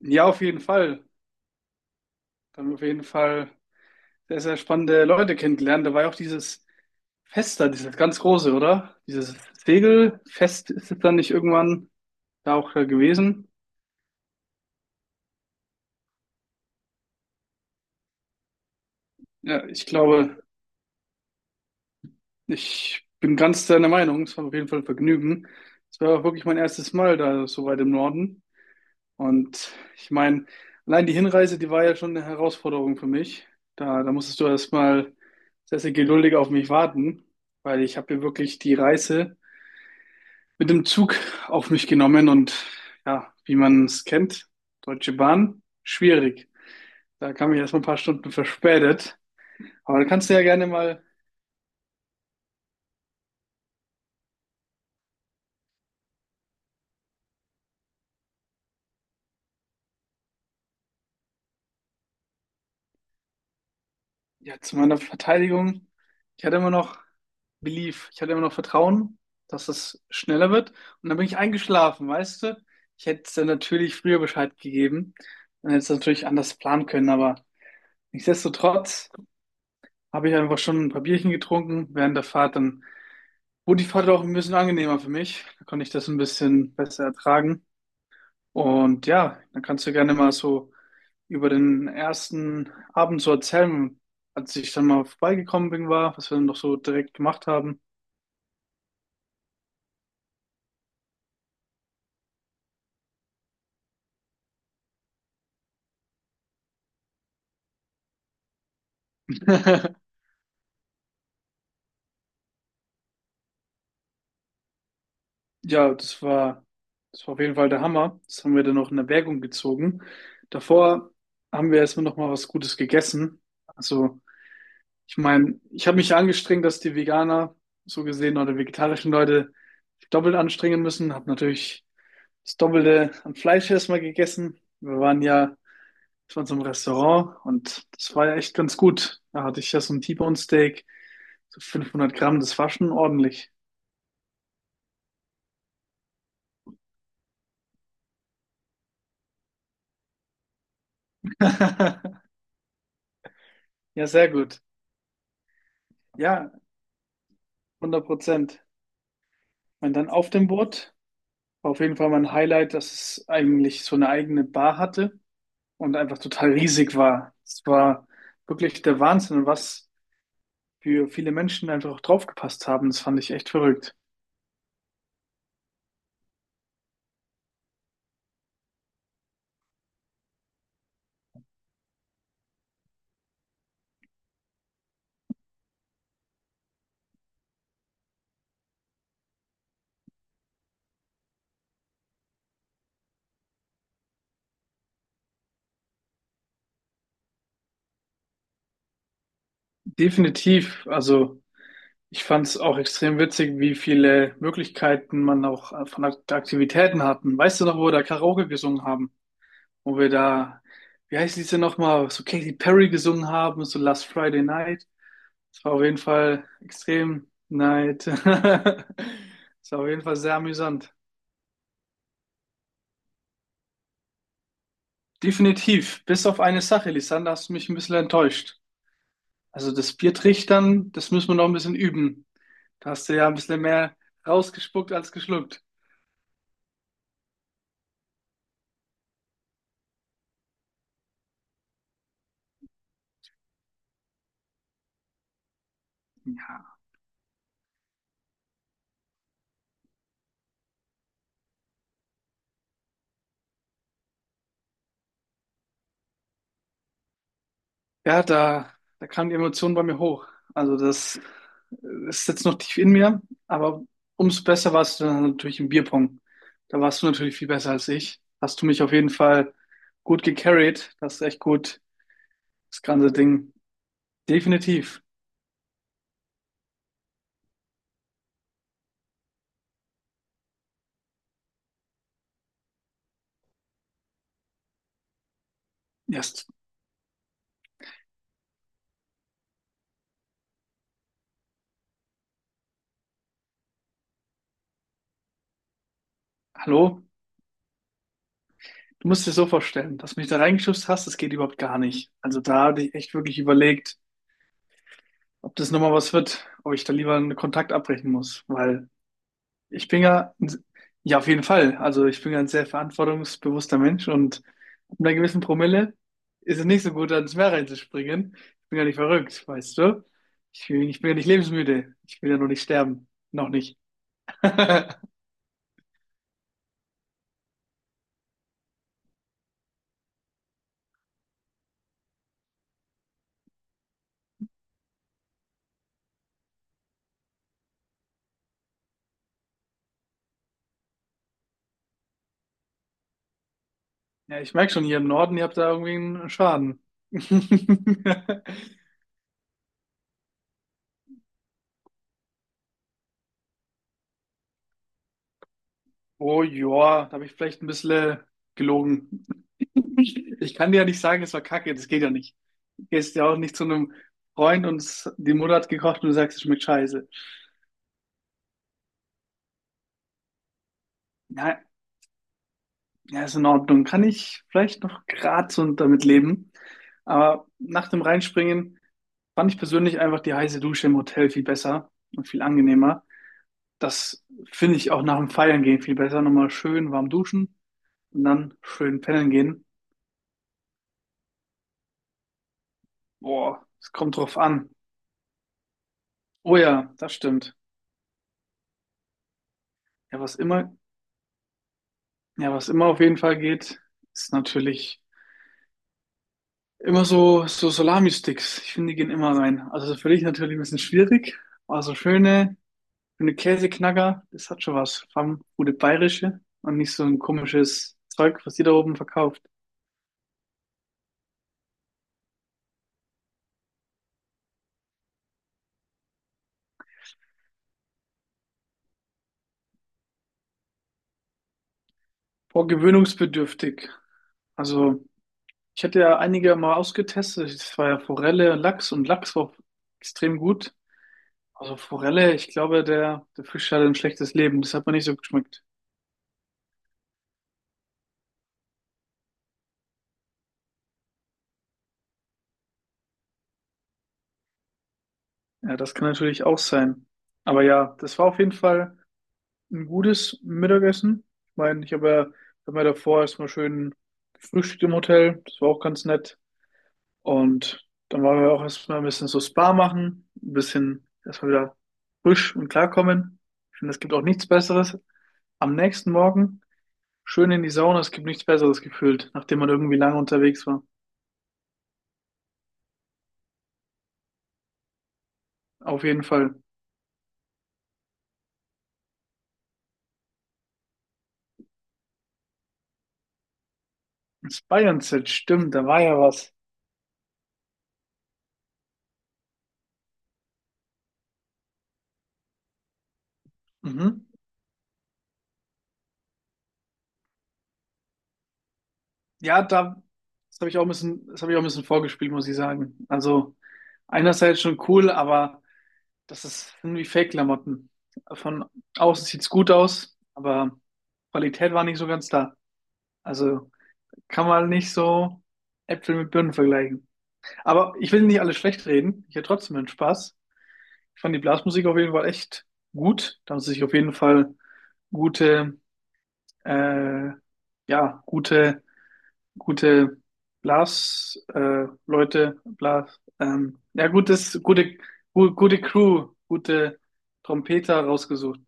Ja, auf jeden Fall. Da haben wir auf jeden Fall sehr, sehr spannende Leute kennengelernt. Da war ja auch dieses Fest da, dieses ganz große, oder? Dieses Segelfest ist es dann nicht irgendwann da auch gewesen? Ja, ich glaube, ich bin ganz deiner Meinung. Es war auf jeden Fall ein Vergnügen. Es war auch wirklich mein erstes Mal da so weit im Norden. Und ich meine, allein die Hinreise, die war ja schon eine Herausforderung für mich. Da musstest du erstmal sehr, sehr geduldig auf mich warten, weil ich habe mir wirklich die Reise mit dem Zug auf mich genommen und ja, wie man es kennt, Deutsche Bahn, schwierig. Da kam ich erst mal ein paar Stunden verspätet. Aber da kannst du ja gerne mal, ja, zu meiner Verteidigung, ich hatte immer noch Belief, ich hatte immer noch Vertrauen, dass es schneller wird. Und dann bin ich eingeschlafen, weißt du? Ich hätte es dann natürlich früher Bescheid gegeben. Dann hätte es natürlich anders planen können, aber nichtsdestotrotz habe ich einfach schon ein paar Bierchen getrunken während der Fahrt. Dann gut, die Fahrt war auch ein bisschen angenehmer für mich. Da konnte ich das ein bisschen besser ertragen. Und ja, dann kannst du gerne mal so über den ersten Abend so erzählen, als ich dann mal vorbeigekommen bin, war, was wir dann noch so direkt gemacht haben. Ja, das war auf jeden Fall der Hammer. Das haben wir dann noch in Erwägung gezogen. Davor haben wir erstmal noch mal was Gutes gegessen. Also ich meine, ich habe mich angestrengt, dass die Veganer so gesehen oder vegetarischen Leute sich doppelt anstrengen müssen. Habe natürlich das Doppelte an Fleisch erstmal gegessen. Wir waren so im Restaurant und das war ja echt ganz gut. Da hatte ich ja so ein T-Bone Steak, so 500 Gramm, das war schon ordentlich. Ja, sehr gut. Ja, hundert Prozent. Und dann auf dem Boot war auf jeden Fall mein Highlight, dass es eigentlich so eine eigene Bar hatte und einfach total riesig war. Es war wirklich der Wahnsinn und was für viele Menschen einfach auch draufgepasst haben. Das fand ich echt verrückt. Definitiv, also ich fand es auch extrem witzig, wie viele Möglichkeiten man auch von Aktivitäten hatten. Weißt du noch, wo wir da Karaoke gesungen haben? Wo wir da, wie heißt diese nochmal, so Katy Perry gesungen haben, so Last Friday Night. Das war auf jeden Fall extrem night. Das war auf jeden Fall sehr amüsant. Definitiv. Bis auf eine Sache, Lisander, hast du mich ein bisschen enttäuscht. Also das Biertrichtern, das müssen wir noch ein bisschen üben. Da hast du ja ein bisschen mehr rausgespuckt als geschluckt. Ja. Ja, da kam die Emotion bei mir hoch. Also das ist jetzt noch tief in mir, aber umso besser warst du dann natürlich im Bierpong. Da warst du natürlich viel besser als ich. Hast du mich auf jeden Fall gut gecarried. Das ist echt gut, das ganze Ding. Definitiv. Erst, hallo? Du musst dir so vorstellen, dass du mich da reingeschubst hast, das geht überhaupt gar nicht. Also da hatte ich echt wirklich überlegt, ob das nochmal was wird, ob ich da lieber einen Kontakt abbrechen muss, weil ich bin ja, ja auf jeden Fall, also ich bin ja ein sehr verantwortungsbewusster Mensch und ab einer gewissen Promille ist es nicht so gut, ans Meer reinzuspringen. Ich bin ja nicht verrückt, weißt du? Ich bin ja nicht lebensmüde. Ich will ja noch nicht sterben. Noch nicht. Ja, ich merke schon, hier im Norden, ihr habt da irgendwie einen Schaden. Oh ja, da habe ich vielleicht ein bisschen gelogen. Ich kann dir ja nicht sagen, es war Kacke, das geht ja nicht. Du gehst ja auch nicht zu einem Freund und die Mutter hat gekocht und du sagst, es schmeckt scheiße. Na, ja, ist in Ordnung. Kann ich vielleicht noch grad so damit leben. Aber nach dem Reinspringen fand ich persönlich einfach die heiße Dusche im Hotel viel besser und viel angenehmer. Das finde ich auch nach dem Feiern gehen viel besser. Nochmal schön warm duschen und dann schön pennen gehen. Boah, es kommt drauf an. Oh ja, das stimmt. Ja, was immer, ja, was immer auf jeden Fall geht, ist natürlich immer so, so Salami-Sticks. Ich finde, die gehen immer rein. Also für dich natürlich ein bisschen schwierig, aber so schöne, schöne Käseknacker, das hat schon was. Vor allem gute bayerische und nicht so ein komisches Zeug, was die da oben verkauft. Boah, gewöhnungsbedürftig. Also, ich hatte ja einige mal ausgetestet. Das war ja Forelle, Lachs und Lachs war extrem gut. Also Forelle, ich glaube, der Fisch hatte ein schlechtes Leben. Das hat mir nicht so geschmeckt. Ja, das kann natürlich auch sein. Aber ja, das war auf jeden Fall ein gutes Mittagessen. Ich meine, ich habe ja, hab mir davor erstmal schön gefrühstückt im Hotel. Das war auch ganz nett. Und dann waren wir auch erstmal ein bisschen so Spa machen, ein bisschen erstmal wieder frisch und klarkommen. Ich finde, es gibt auch nichts Besseres. Am nächsten Morgen schön in die Sauna. Es gibt nichts Besseres gefühlt, nachdem man irgendwie lange unterwegs war. Auf jeden Fall. Das Bayern-Set, stimmt, da war ja was. Mhm. Ja, da, das habe ich auch ein bisschen, das habe ich auch ein bisschen vorgespielt, muss ich sagen. Also einerseits schon cool, aber das ist irgendwie Fake-Klamotten. Von außen sieht's gut aus, aber Qualität war nicht so ganz da. Also kann man nicht so Äpfel mit Birnen vergleichen. Aber ich will nicht alles schlecht reden. Ich hatte trotzdem einen Spaß. Ich fand die Blasmusik auf jeden Fall echt gut. Da haben sie sich auf jeden Fall gute, äh, ja, gute gute Blas, Leute, Blas, ja, gutes, gute, gu gute Crew, gute Trompeter rausgesucht.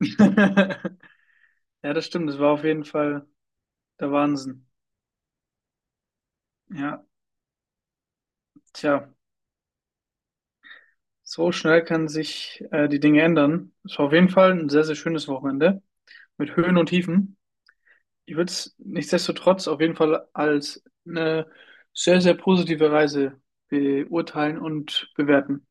Ja, das stimmt, das war auf jeden Fall der Wahnsinn. Ja, tja, so schnell kann sich die Dinge ändern. Es war auf jeden Fall ein sehr, sehr schönes Wochenende mit Höhen und Tiefen. Ich würde es nichtsdestotrotz auf jeden Fall als eine sehr, sehr positive Reise beurteilen und bewerten.